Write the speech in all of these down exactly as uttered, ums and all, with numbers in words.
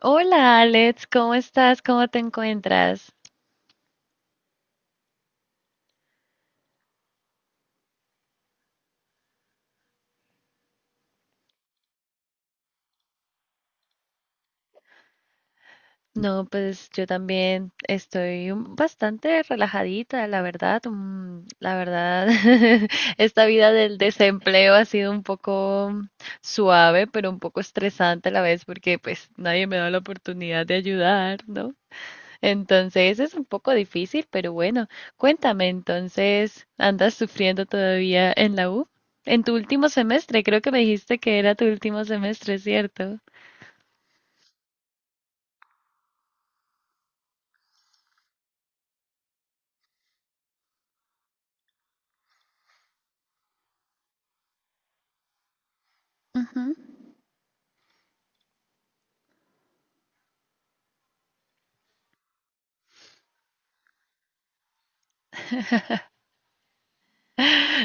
Hola Alex, ¿cómo estás? ¿Cómo te encuentras? No, pues yo también estoy un- bastante relajadita, la verdad. mm, La verdad, esta vida del desempleo ha sido un poco mm, suave, pero un poco estresante a la vez porque pues nadie me da la oportunidad de ayudar, ¿no? Entonces es un poco difícil, pero bueno, cuéntame, entonces, ¿andas sufriendo todavía en la U? En tu último semestre, creo que me dijiste que era tu último semestre, ¿cierto? Ujú.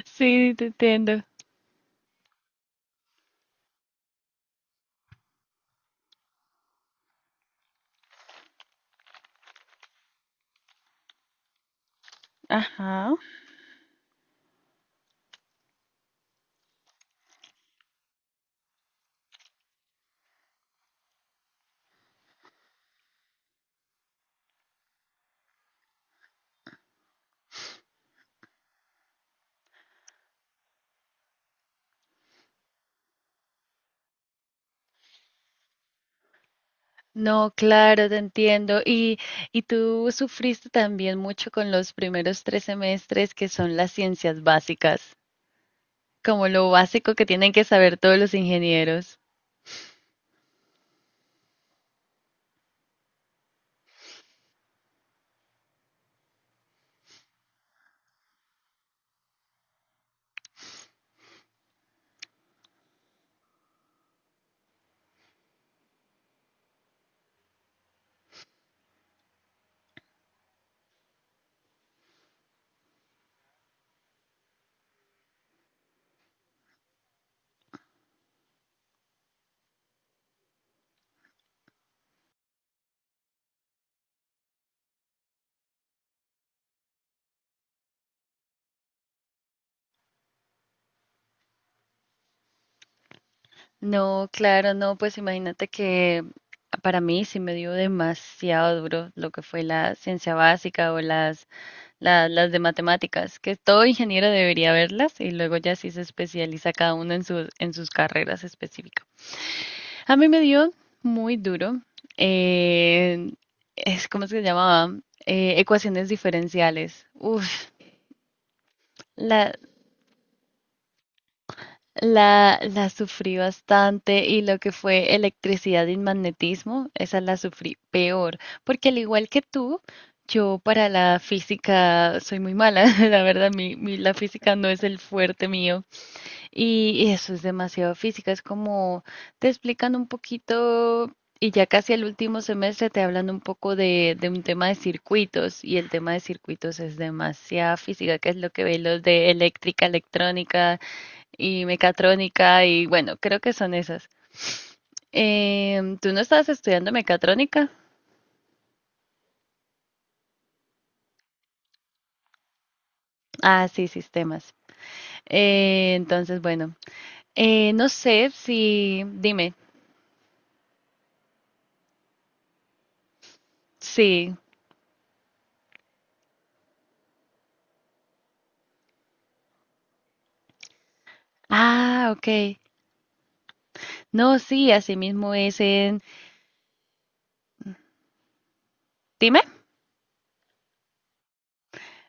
Sí, te entiendo. Ajá. No, claro, te entiendo. Y, y tú sufriste también mucho con los primeros tres semestres que son las ciencias básicas, como lo básico que tienen que saber todos los ingenieros. No, claro, no, pues imagínate que para mí sí me dio demasiado duro lo que fue la ciencia básica o las, la- las de matemáticas, que todo ingeniero debería verlas y luego ya sí se especializa cada uno en sus, en sus carreras específicas. A mí me dio muy duro, eh, es, ¿cómo se llamaba? Eh, ecuaciones diferenciales. Uf, la, la, la sufrí bastante y lo que fue electricidad y magnetismo, esa la sufrí peor, porque al igual que tú, yo para la física soy muy mala, la verdad, mi, mi- la física no es el fuerte mío y, eso es demasiado física, es como te explican un poquito y ya casi al último semestre te hablan un poco de, de un tema de circuitos y el tema de circuitos es demasiada física, que es lo que ve los de eléctrica, electrónica y mecatrónica y bueno, creo que son esas. Em, ¿tú no estabas estudiando mecatrónica? Ah, sí, sistemas. Eh, entonces, bueno, eh, no sé si, dime, sí. Ah, ok. No, sí, así mismo es en... Dime,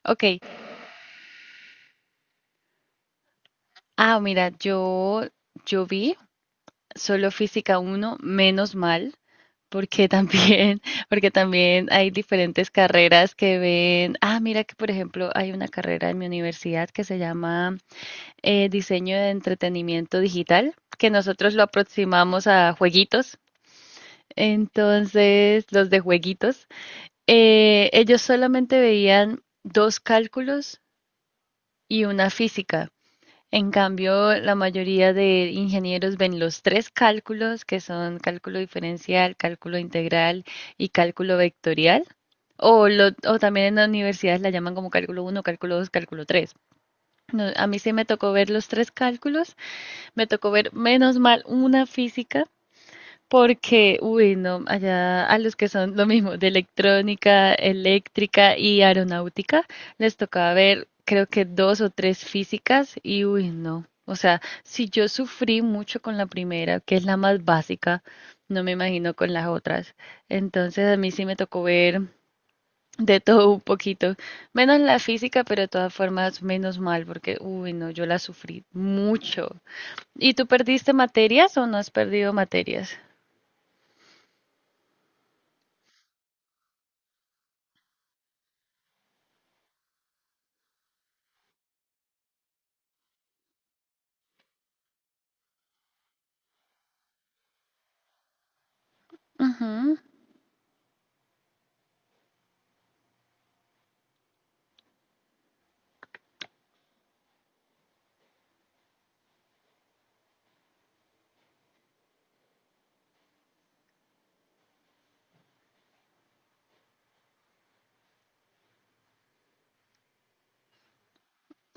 ok. Ah, mira, yo, yo vi solo física uno menos mal. Porque también, porque también hay diferentes carreras que ven, ah, mira que por ejemplo hay una carrera en mi universidad que se llama eh, Diseño de Entretenimiento Digital, que nosotros lo aproximamos a jueguitos. Entonces, los de jueguitos, eh, ellos solamente veían dos cálculos y una física. En cambio, la mayoría de ingenieros ven los tres cálculos, que son cálculo diferencial, cálculo integral y cálculo vectorial, o, lo- o también en las universidades la llaman como cálculo uno, cálculo dos, cálculo tres. No, a mí sí me tocó ver los tres cálculos, me tocó ver menos mal una física porque, uy, no, allá a los que son lo mismo, de electrónica, eléctrica y aeronáutica, les tocaba ver, creo que dos o tres físicas y, uy, no. O sea, si yo sufrí mucho con la primera, que es la más básica, no me imagino con las otras. Entonces a mí sí me tocó ver de todo un poquito, menos la física, pero de todas formas menos mal, porque, uy, no, yo la sufrí mucho. ¿Y tú perdiste materias o no has perdido materias? Ujú.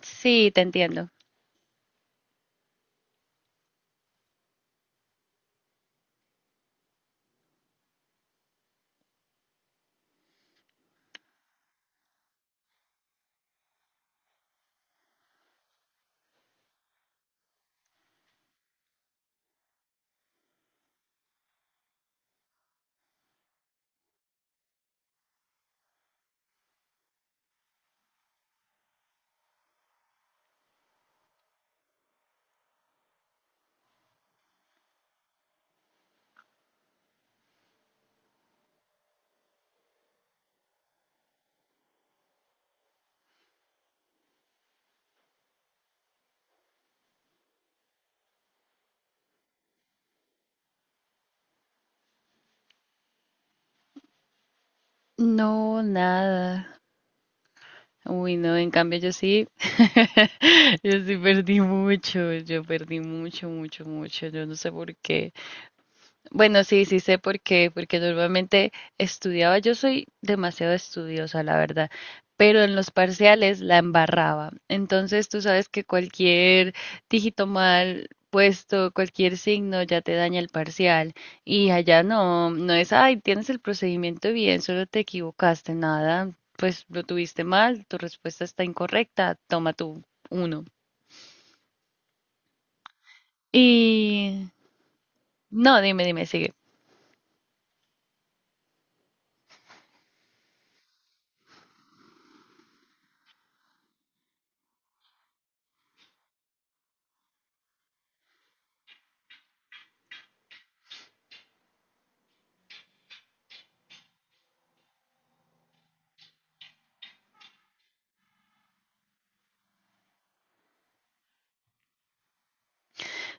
Sí, te entiendo. No, nada. Uy, no, en cambio yo sí, yo sí perdí mucho, yo perdí mucho, mucho, mucho, yo no sé por qué. Bueno, sí, sí sé por qué, porque normalmente estudiaba, yo soy demasiado estudiosa, la verdad, pero en los parciales la embarraba. Entonces tú sabes que cualquier dígito mal puesto, cualquier signo ya te daña el parcial y allá no, no es, ay, tienes el procedimiento bien, solo te equivocaste, nada, pues lo tuviste mal, tu respuesta está incorrecta, toma tu uno. Y no, dime, dime, sigue.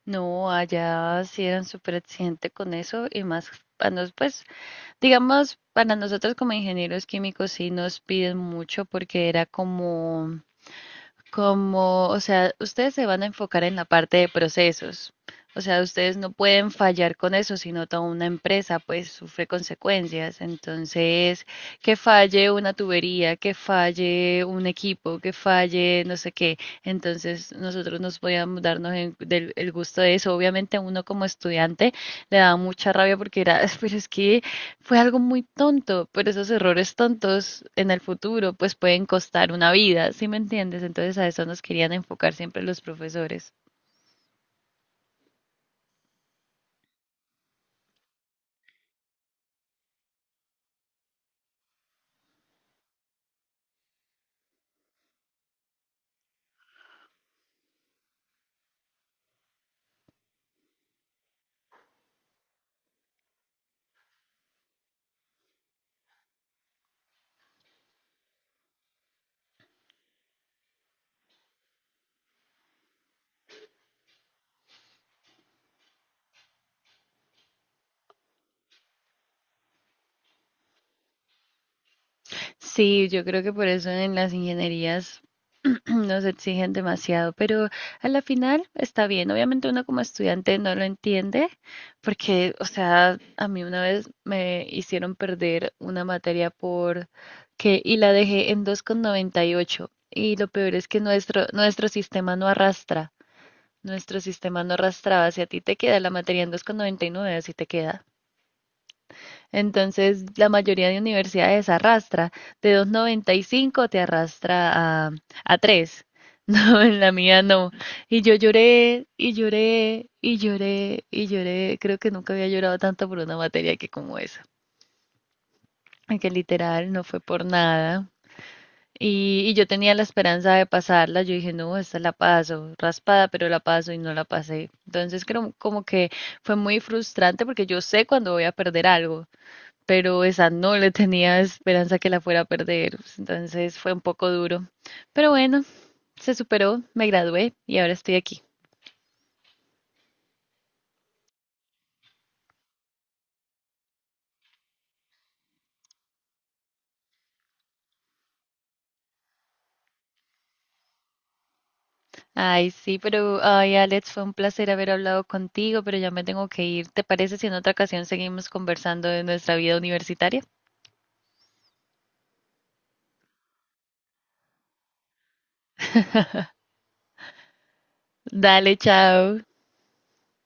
No, allá sí eran súper exigente con eso y más para nos, pues, digamos, para nosotros como ingenieros químicos sí nos piden mucho porque era como como, o sea, ustedes se van a enfocar en la parte de procesos. O sea, ustedes no pueden fallar con eso, sino toda una empresa pues sufre consecuencias. Entonces, que falle una tubería, que falle un equipo, que falle no sé qué. Entonces, nosotros nos podíamos darnos en- del- el gusto de eso. Obviamente, uno como estudiante le da mucha rabia porque era, pero es que fue algo muy tonto, pero esos errores tontos en el futuro pues pueden costar una vida, ¿sí me entiendes? Entonces a eso nos querían enfocar siempre los profesores. Sí, yo creo que por eso en las ingenierías nos exigen demasiado, pero a la final está bien. Obviamente uno como estudiante no lo entiende, porque, o sea, a mí una vez me hicieron perder una materia por que y la dejé en dos coma noventa y ocho y ocho y lo peor es que nuestro nuestro sistema no arrastra. Nuestro sistema no arrastraba si a ti te queda la materia en dos coma noventa y nueve, así te queda. Entonces, la mayoría de universidades arrastra, de dos coma noventa y cinco te arrastra a, a tres No, en la mía no. Y yo lloré, y lloré, y lloré, y lloré. Creo que nunca había llorado tanto por una materia que como esa. Que literal no fue por nada. Y, y yo tenía la esperanza de pasarla, yo dije, no, esta la paso, raspada, pero la paso y no la pasé. Entonces creo como que fue muy frustrante porque yo sé cuando voy a perder algo, pero esa no le tenía esperanza que la fuera a perder. Entonces fue un poco duro. Pero bueno, se superó, me gradué y ahora estoy aquí. Ay, sí, pero, ay, Alex, fue un placer haber hablado contigo, pero ya me tengo que ir. ¿Te parece si en otra ocasión seguimos conversando de nuestra vida universitaria? Dale, chao.